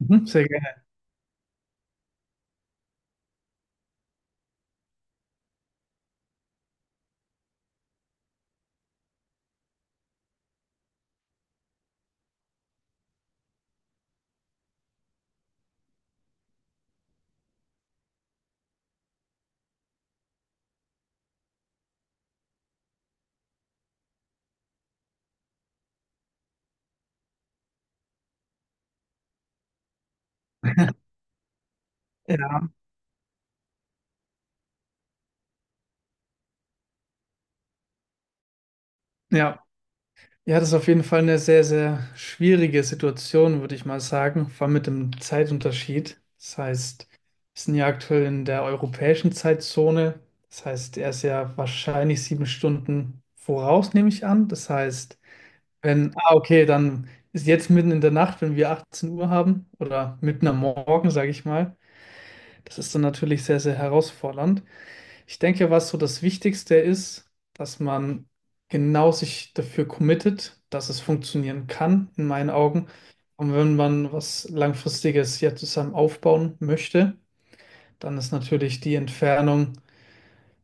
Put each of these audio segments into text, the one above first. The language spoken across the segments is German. Mhm. Sehr gerne. Ja, ja. Ja, das ist auf jeden Fall eine sehr, sehr schwierige Situation, würde ich mal sagen, vor allem mit dem Zeitunterschied. Das heißt, wir sind ja aktuell in der europäischen Zeitzone. Das heißt, er ist ja wahrscheinlich 7 Stunden voraus, nehme ich an. Das heißt, wenn, ah, okay, dann ist jetzt mitten in der Nacht, wenn wir 18 Uhr haben, oder mitten am Morgen, sage ich mal. Das ist dann natürlich sehr, sehr herausfordernd. Ich denke, was so das Wichtigste ist, dass man genau sich dafür committet, dass es funktionieren kann, in meinen Augen. Und wenn man was Langfristiges ja zusammen aufbauen möchte, dann ist natürlich die Entfernung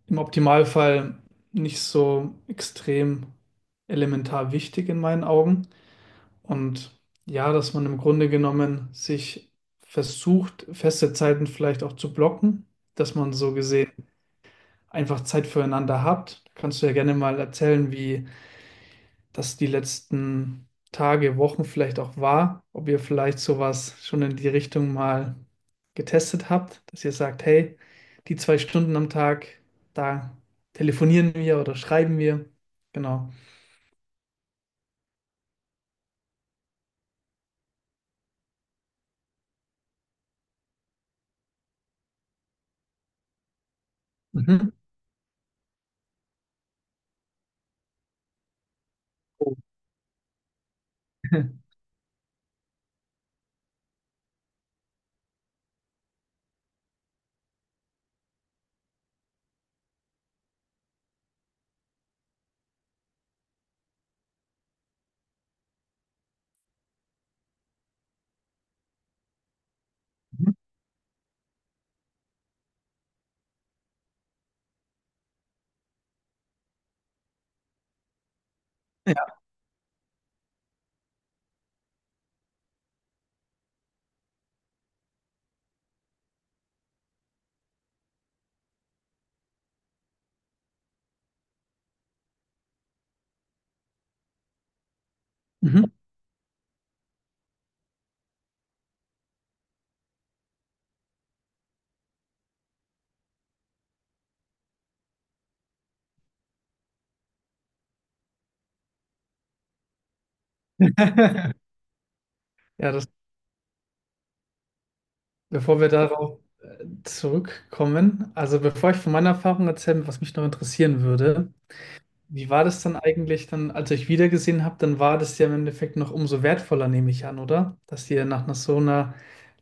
im Optimalfall nicht so extrem elementar wichtig in meinen Augen. Und ja, dass man im Grunde genommen sich versucht, feste Zeiten vielleicht auch zu blocken, dass man so gesehen einfach Zeit füreinander habt. Kannst du ja gerne mal erzählen, wie das die letzten Tage, Wochen vielleicht auch war, ob ihr vielleicht sowas schon in die Richtung mal getestet habt, dass ihr sagt, hey, die 2 Stunden am Tag, da telefonieren wir oder schreiben wir. Genau. Mhm. Oh. Mhm. Ja. Mhm. Ja, das, bevor wir darauf zurückkommen, also bevor ich von meiner Erfahrung erzähle, was mich noch interessieren würde: wie war das dann eigentlich dann, als ihr euch wiedergesehen habt? Dann war das ja im Endeffekt noch umso wertvoller, nehme ich an, oder? Dass ihr nach einer so einer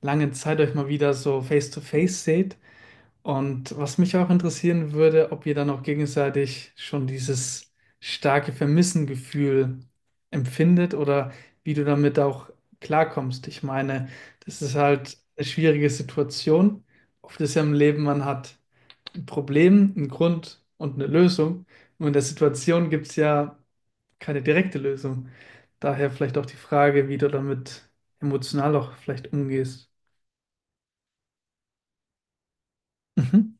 langen Zeit euch mal wieder so face to face seht. Und was mich auch interessieren würde, ob ihr dann auch gegenseitig schon dieses starke Vermissengefühl empfindet, oder wie du damit auch klarkommst. Ich meine, das ist halt eine schwierige Situation. Oft ist ja im Leben, man hat ein Problem, einen Grund und eine Lösung. Und in der Situation gibt es ja keine direkte Lösung. Daher vielleicht auch die Frage, wie du damit emotional auch vielleicht umgehst. Mhm.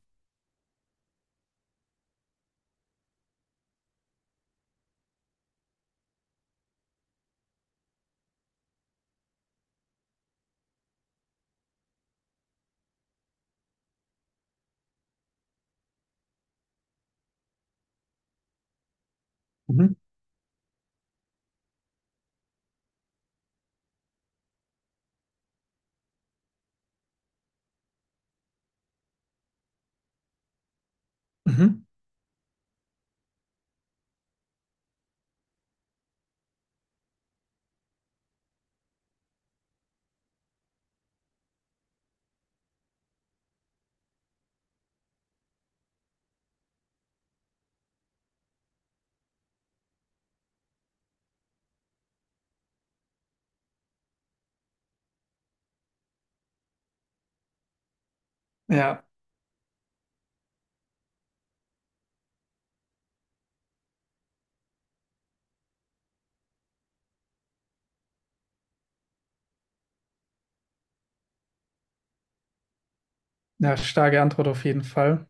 Mhm. Mhm. Ja, ja, starke Antwort auf jeden Fall.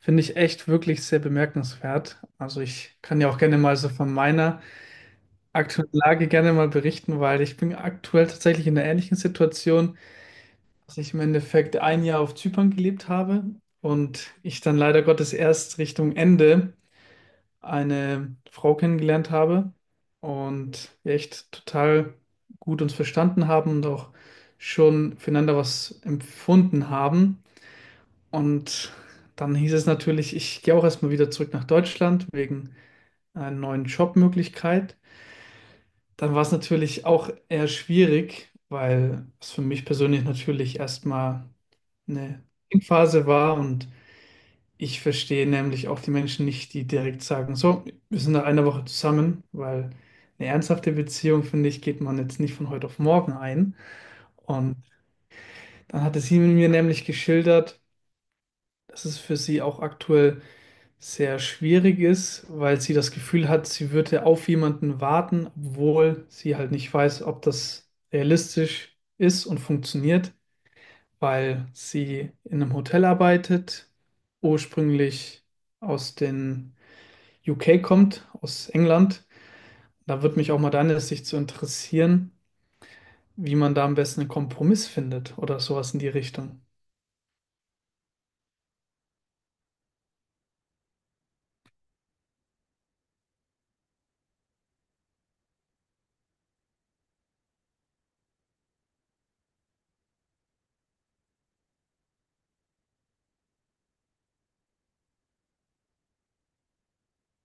Finde ich echt wirklich sehr bemerkenswert. Also ich kann ja auch gerne mal so von meiner aktuellen Lage gerne mal berichten, weil ich bin aktuell tatsächlich in einer ähnlichen Situation. Dass ich im Endeffekt ein Jahr auf Zypern gelebt habe und ich dann leider Gottes erst Richtung Ende eine Frau kennengelernt habe und wir echt total gut uns verstanden haben und auch schon füreinander was empfunden haben. Und dann hieß es natürlich, ich gehe auch erstmal wieder zurück nach Deutschland wegen einer neuen Jobmöglichkeit. Dann war es natürlich auch eher schwierig, weil es für mich persönlich natürlich erstmal eine Phase war. Und ich verstehe nämlich auch die Menschen nicht, die direkt sagen, so, wir sind nach einer Woche zusammen, weil eine ernsthafte Beziehung, finde ich, geht man jetzt nicht von heute auf morgen ein. Und dann hatte sie mir nämlich geschildert, dass es für sie auch aktuell sehr schwierig ist, weil sie das Gefühl hat, sie würde auf jemanden warten, obwohl sie halt nicht weiß, ob das realistisch ist und funktioniert. Weil sie in einem Hotel arbeitet, ursprünglich aus den UK kommt, aus England. Da würde mich auch mal deine Sicht zu interessieren, wie man da am besten einen Kompromiss findet oder sowas in die Richtung.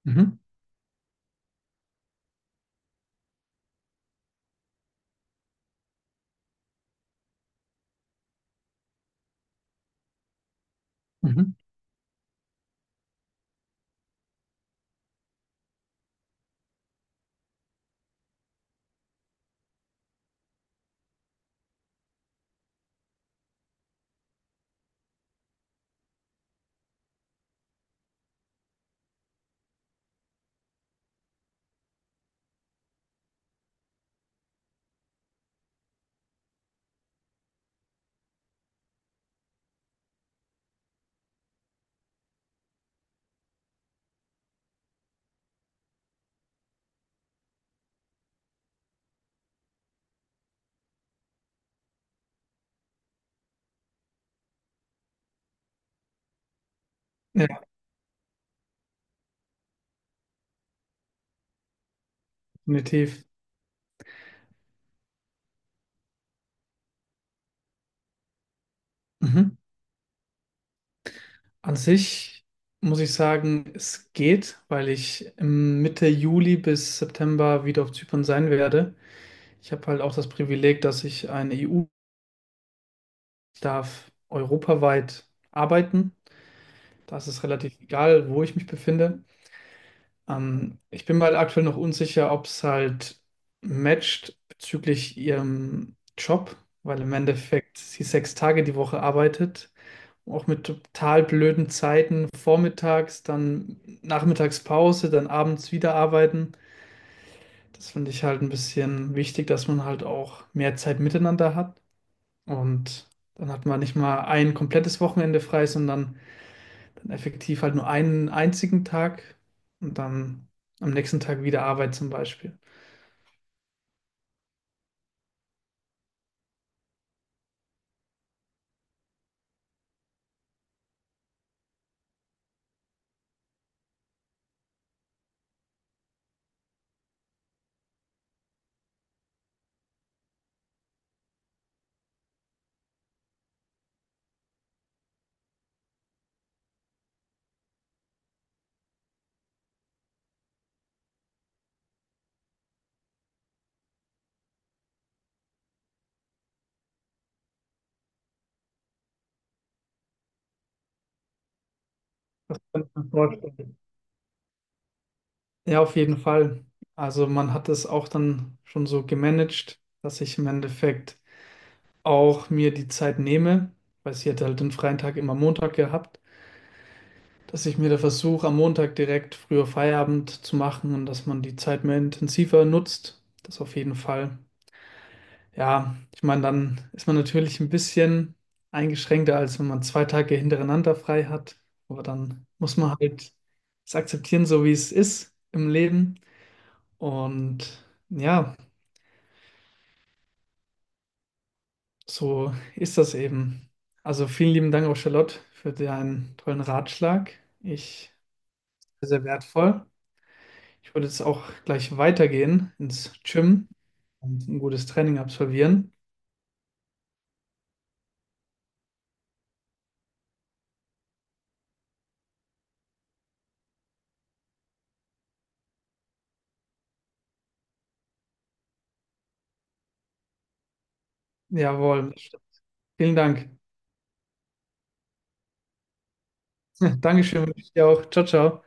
Mhm. Mhm. Ja, definitiv. Mhm. An sich muss ich sagen, es geht, weil ich im Mitte Juli bis September wieder auf Zypern sein werde. Ich habe halt auch das Privileg, dass ich eine EU darf europaweit arbeiten. Das ist es relativ egal, wo ich mich befinde. Ich bin mir halt aktuell noch unsicher, ob es halt matcht bezüglich ihrem Job, weil im Endeffekt sie 6 Tage die Woche arbeitet, auch mit total blöden Zeiten, vormittags, dann Nachmittagspause, dann abends wieder arbeiten. Das finde ich halt ein bisschen wichtig, dass man halt auch mehr Zeit miteinander hat. Und dann hat man nicht mal ein komplettes Wochenende frei, sondern dann effektiv halt nur einen einzigen Tag und dann am nächsten Tag wieder Arbeit zum Beispiel. Das kann ich mir vorstellen. Ja, auf jeden Fall. Also man hat es auch dann schon so gemanagt, dass ich im Endeffekt auch mir die Zeit nehme, weil sie hätte halt den freien Tag immer Montag gehabt, dass ich mir da versuche, am Montag direkt früher Feierabend zu machen und dass man die Zeit mehr intensiver nutzt. Das auf jeden Fall. Ja, ich meine, dann ist man natürlich ein bisschen eingeschränkter, als wenn man 2 Tage hintereinander frei hat. Aber dann muss man halt es akzeptieren, so wie es ist im Leben. Und ja, so ist das eben. Also vielen lieben Dank auch Charlotte für deinen tollen Ratschlag. Ich sehr, sehr wertvoll. Ich würde jetzt auch gleich weitergehen ins Gym und ein gutes Training absolvieren. Jawohl, vielen Dank. Dankeschön, wünsche ich dir auch. Ciao, ciao.